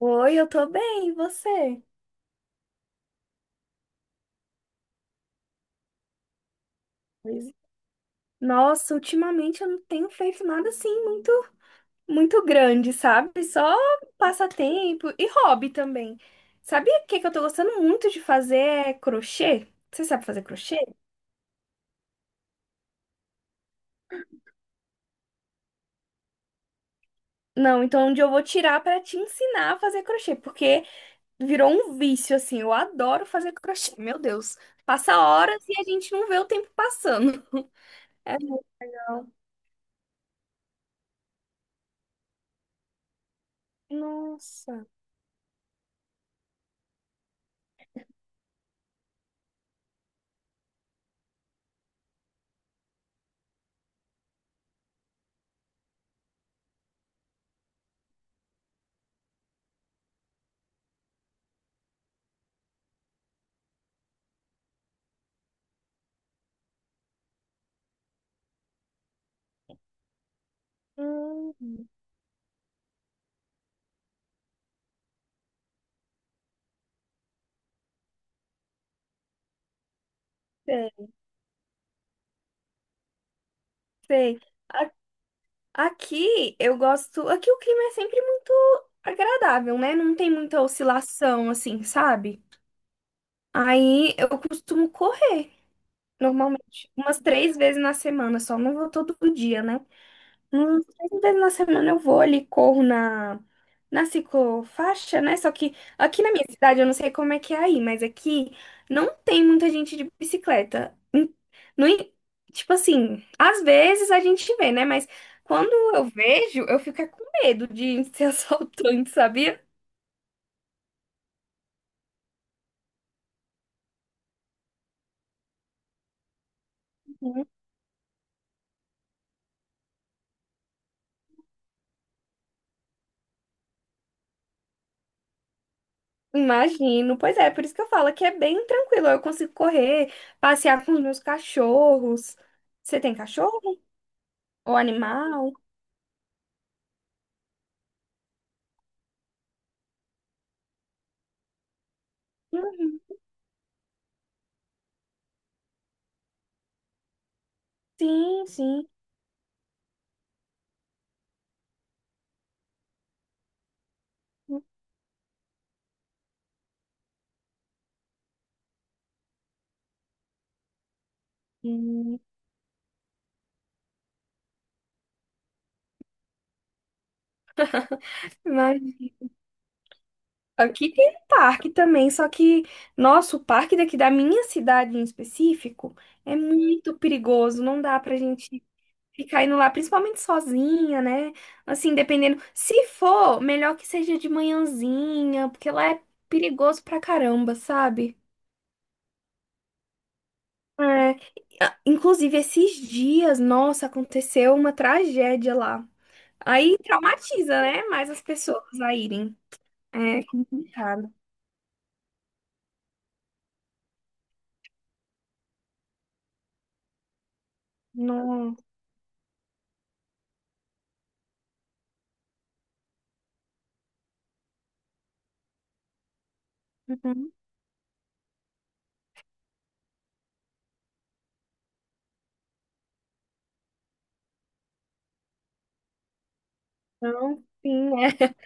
Oi, eu tô bem, e você? Pois é. Nossa, ultimamente eu não tenho feito nada assim muito, muito grande, sabe? Só passatempo e hobby também. Sabia o que que eu tô gostando muito de fazer é crochê? Você sabe fazer crochê? Não, então onde eu vou tirar pra te ensinar a fazer crochê, porque virou um vício assim. Eu adoro fazer crochê. Meu Deus, passa horas e a gente não vê o tempo passando. É, não. Nossa. Hum. Sei, sei. Aqui eu gosto. Aqui o clima é sempre muito agradável, né? Não tem muita oscilação, assim, sabe? Aí eu costumo correr, normalmente, umas três vezes na semana, só não vou todo dia, né? Três vezes na semana eu vou ali, corro na ciclofaixa, né? Só que aqui na minha cidade, eu não sei como é que é aí, mas aqui não tem muita gente de bicicleta. Em- No, en- Tipo assim, às vezes a gente vê, né? Mas quando eu vejo, eu fico é com medo de ser assaltante, sabia? Uhum. Imagino. Pois é, por isso que eu falo que é bem tranquilo. Eu consigo correr, passear com os meus cachorros. Você tem cachorro? Ou animal? Uhum. Sim, sim. Hum, Mas aqui tem um parque também, só que nosso parque daqui da minha cidade em específico é muito perigoso, não dá pra gente ficar indo lá, principalmente sozinha, né? Assim, dependendo. Se for, melhor que seja de manhãzinha, porque lá é perigoso pra caramba, sabe? É, inclusive, esses dias, nossa, aconteceu uma tragédia lá. Aí traumatiza, né? Mais as pessoas a irem. É complicado. Não. Uhum. Não, sim, é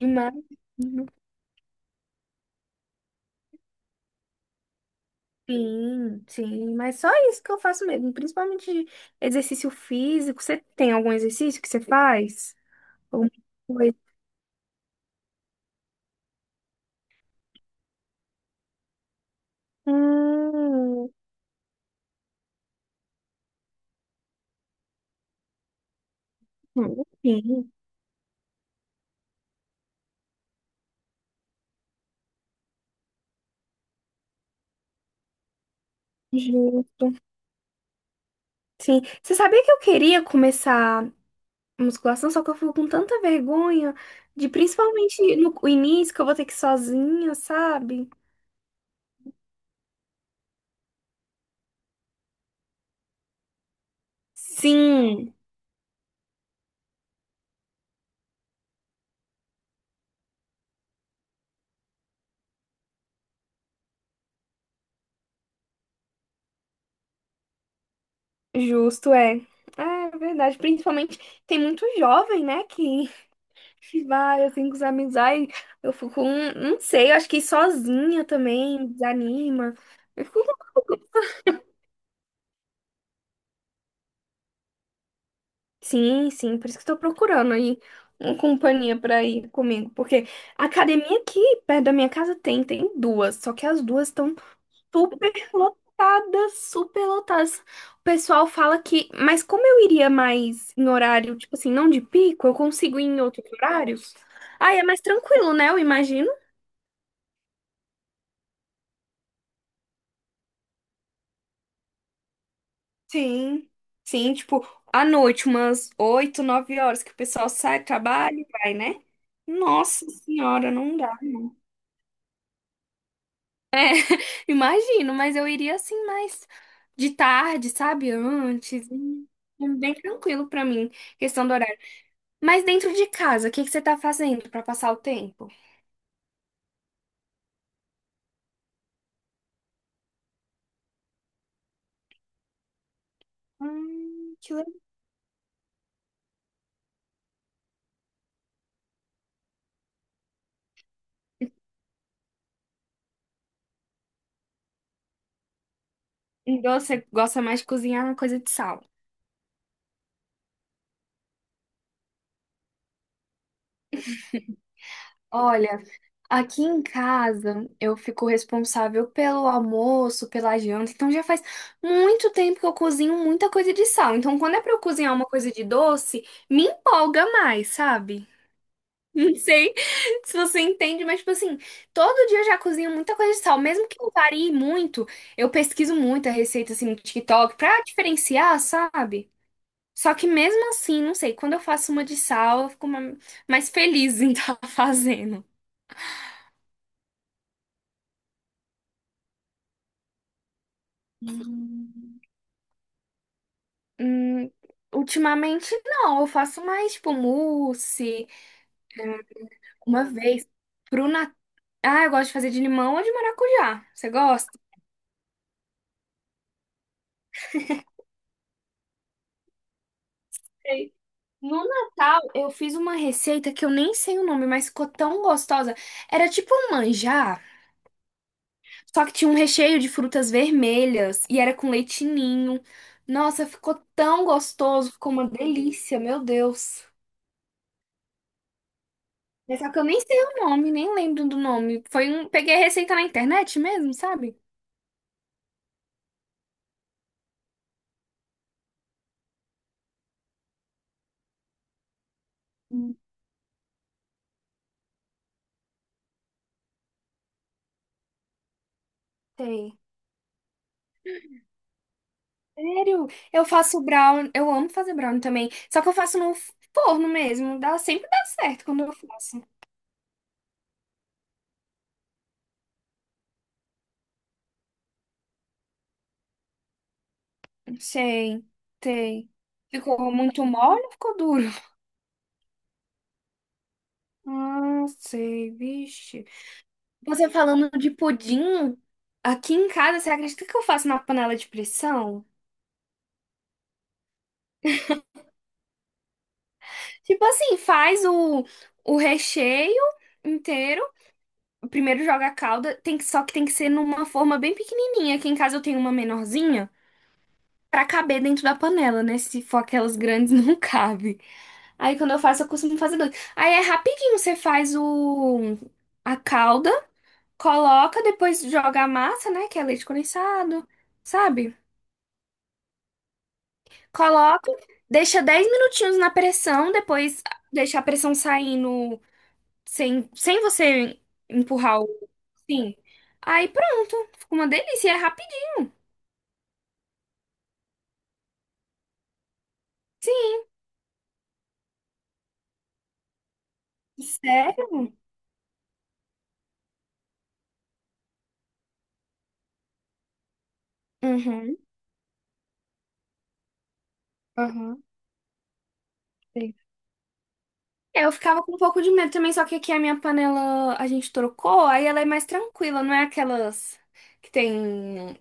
demais. Uhum. Sim, sim, mas só isso que eu faço mesmo, principalmente exercício físico. Você tem algum exercício que você faz? Alguma coisa? Hum, sim, justo. Sim, você sabia que eu queria começar musculação, só que eu fico com tanta vergonha de principalmente no início que eu vou ter que ir sozinha, sabe? Sim. Justo, é. É é verdade. Principalmente tem muito jovem, né? Que que vai assim com os amigos. Ai, eu fico, não sei, eu acho que ir sozinha também desanima. Eu fico, com- sim, sim, por isso que eu tô procurando aí uma companhia pra ir comigo. Porque a academia aqui perto da minha casa tem duas. Só que as duas estão super lotadas, super lotadas. O pessoal fala que, mas como eu iria mais em horário, tipo assim, não de pico, eu consigo ir em outros horários? Aí é mais tranquilo, né? Eu imagino. Sim, sim, tipo, à noite, umas 8 9 horas que o pessoal sai, trabalha e vai, né? Nossa senhora, não dá. Imagino, mas eu iria assim mais de tarde, sabe? Antes. Bem tranquilo pra mim. Questão do horário. Mas dentro de casa, o que que você tá fazendo pra passar o tempo? Que legal. Então você gosta mais de cozinhar uma coisa de sal. Olha, aqui em casa eu fico responsável pelo almoço, pela janta, então já faz muito tempo que eu cozinho muita coisa de sal. Então quando é pra eu cozinhar uma coisa de doce, me empolga mais, sabe? Não sei se você entende, mas, tipo assim, todo dia eu já cozinho muita coisa de sal. Mesmo que eu varie muito, eu pesquiso muita receita, assim, no TikTok, pra diferenciar, sabe? Só que mesmo assim, não sei, quando eu faço uma de sal, eu fico mais feliz em estar fazendo. Hum. Hum, Ultimamente, não. Eu faço mais, tipo, mousse, uma vez. Pro Natal. Ah, eu gosto de fazer de limão ou de maracujá. Você gosta? No Natal, eu fiz uma receita que eu nem sei o nome, mas ficou tão gostosa. Era tipo um manjar, só que tinha um recheio de frutas vermelhas e era com leite ninho. Nossa, ficou tão gostoso, ficou uma delícia, meu Deus. Mas só que eu nem sei o nome, nem lembro do nome. Peguei a receita na internet mesmo, sabe? Hum, Sei. Sério, eu faço brownie, eu amo fazer brownie também, só que eu faço no forno mesmo, dá, sempre dá certo quando eu faço. Sei, sei. Ficou muito mole ou ficou duro? Ah, sei, vixe. Você falando de pudim, aqui em casa, você acredita que eu faço na panela de pressão? Tipo assim, faz o recheio inteiro. Primeiro joga a calda, só que tem que ser numa forma bem pequenininha. Aqui em casa eu tenho uma menorzinha pra caber dentro da panela, né? Se for aquelas grandes, não cabe. Aí quando eu faço, eu costumo fazer dois. Aí é rapidinho, você faz a calda. Coloca, depois joga a massa, né? Que é leite condensado, sabe? Coloca, deixa 10 minutinhos na pressão, depois deixa a pressão saindo sem você empurrar o. Sim. Aí pronto. Fica uma delícia e é rapidinho. Sério? Uhum. Aham, sei. Eu ficava com um pouco de medo também, só que aqui a minha panela a gente trocou, aí ela é mais tranquila, não é aquelas que tem.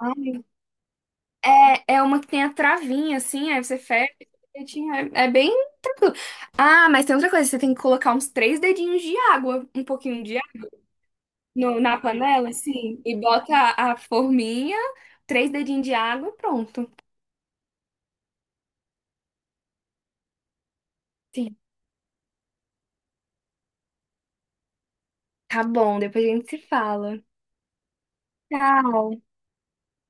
Ai, é uma que tem a travinha, assim, aí você fecha direitinho, é bem tranquilo. Ah, mas tem outra coisa, você tem que colocar uns três dedinhos de água, um pouquinho de água na panela, assim, e bota a forminha, três dedinhos de água e pronto. Sim. Tá bom, depois a gente se fala. Tchau.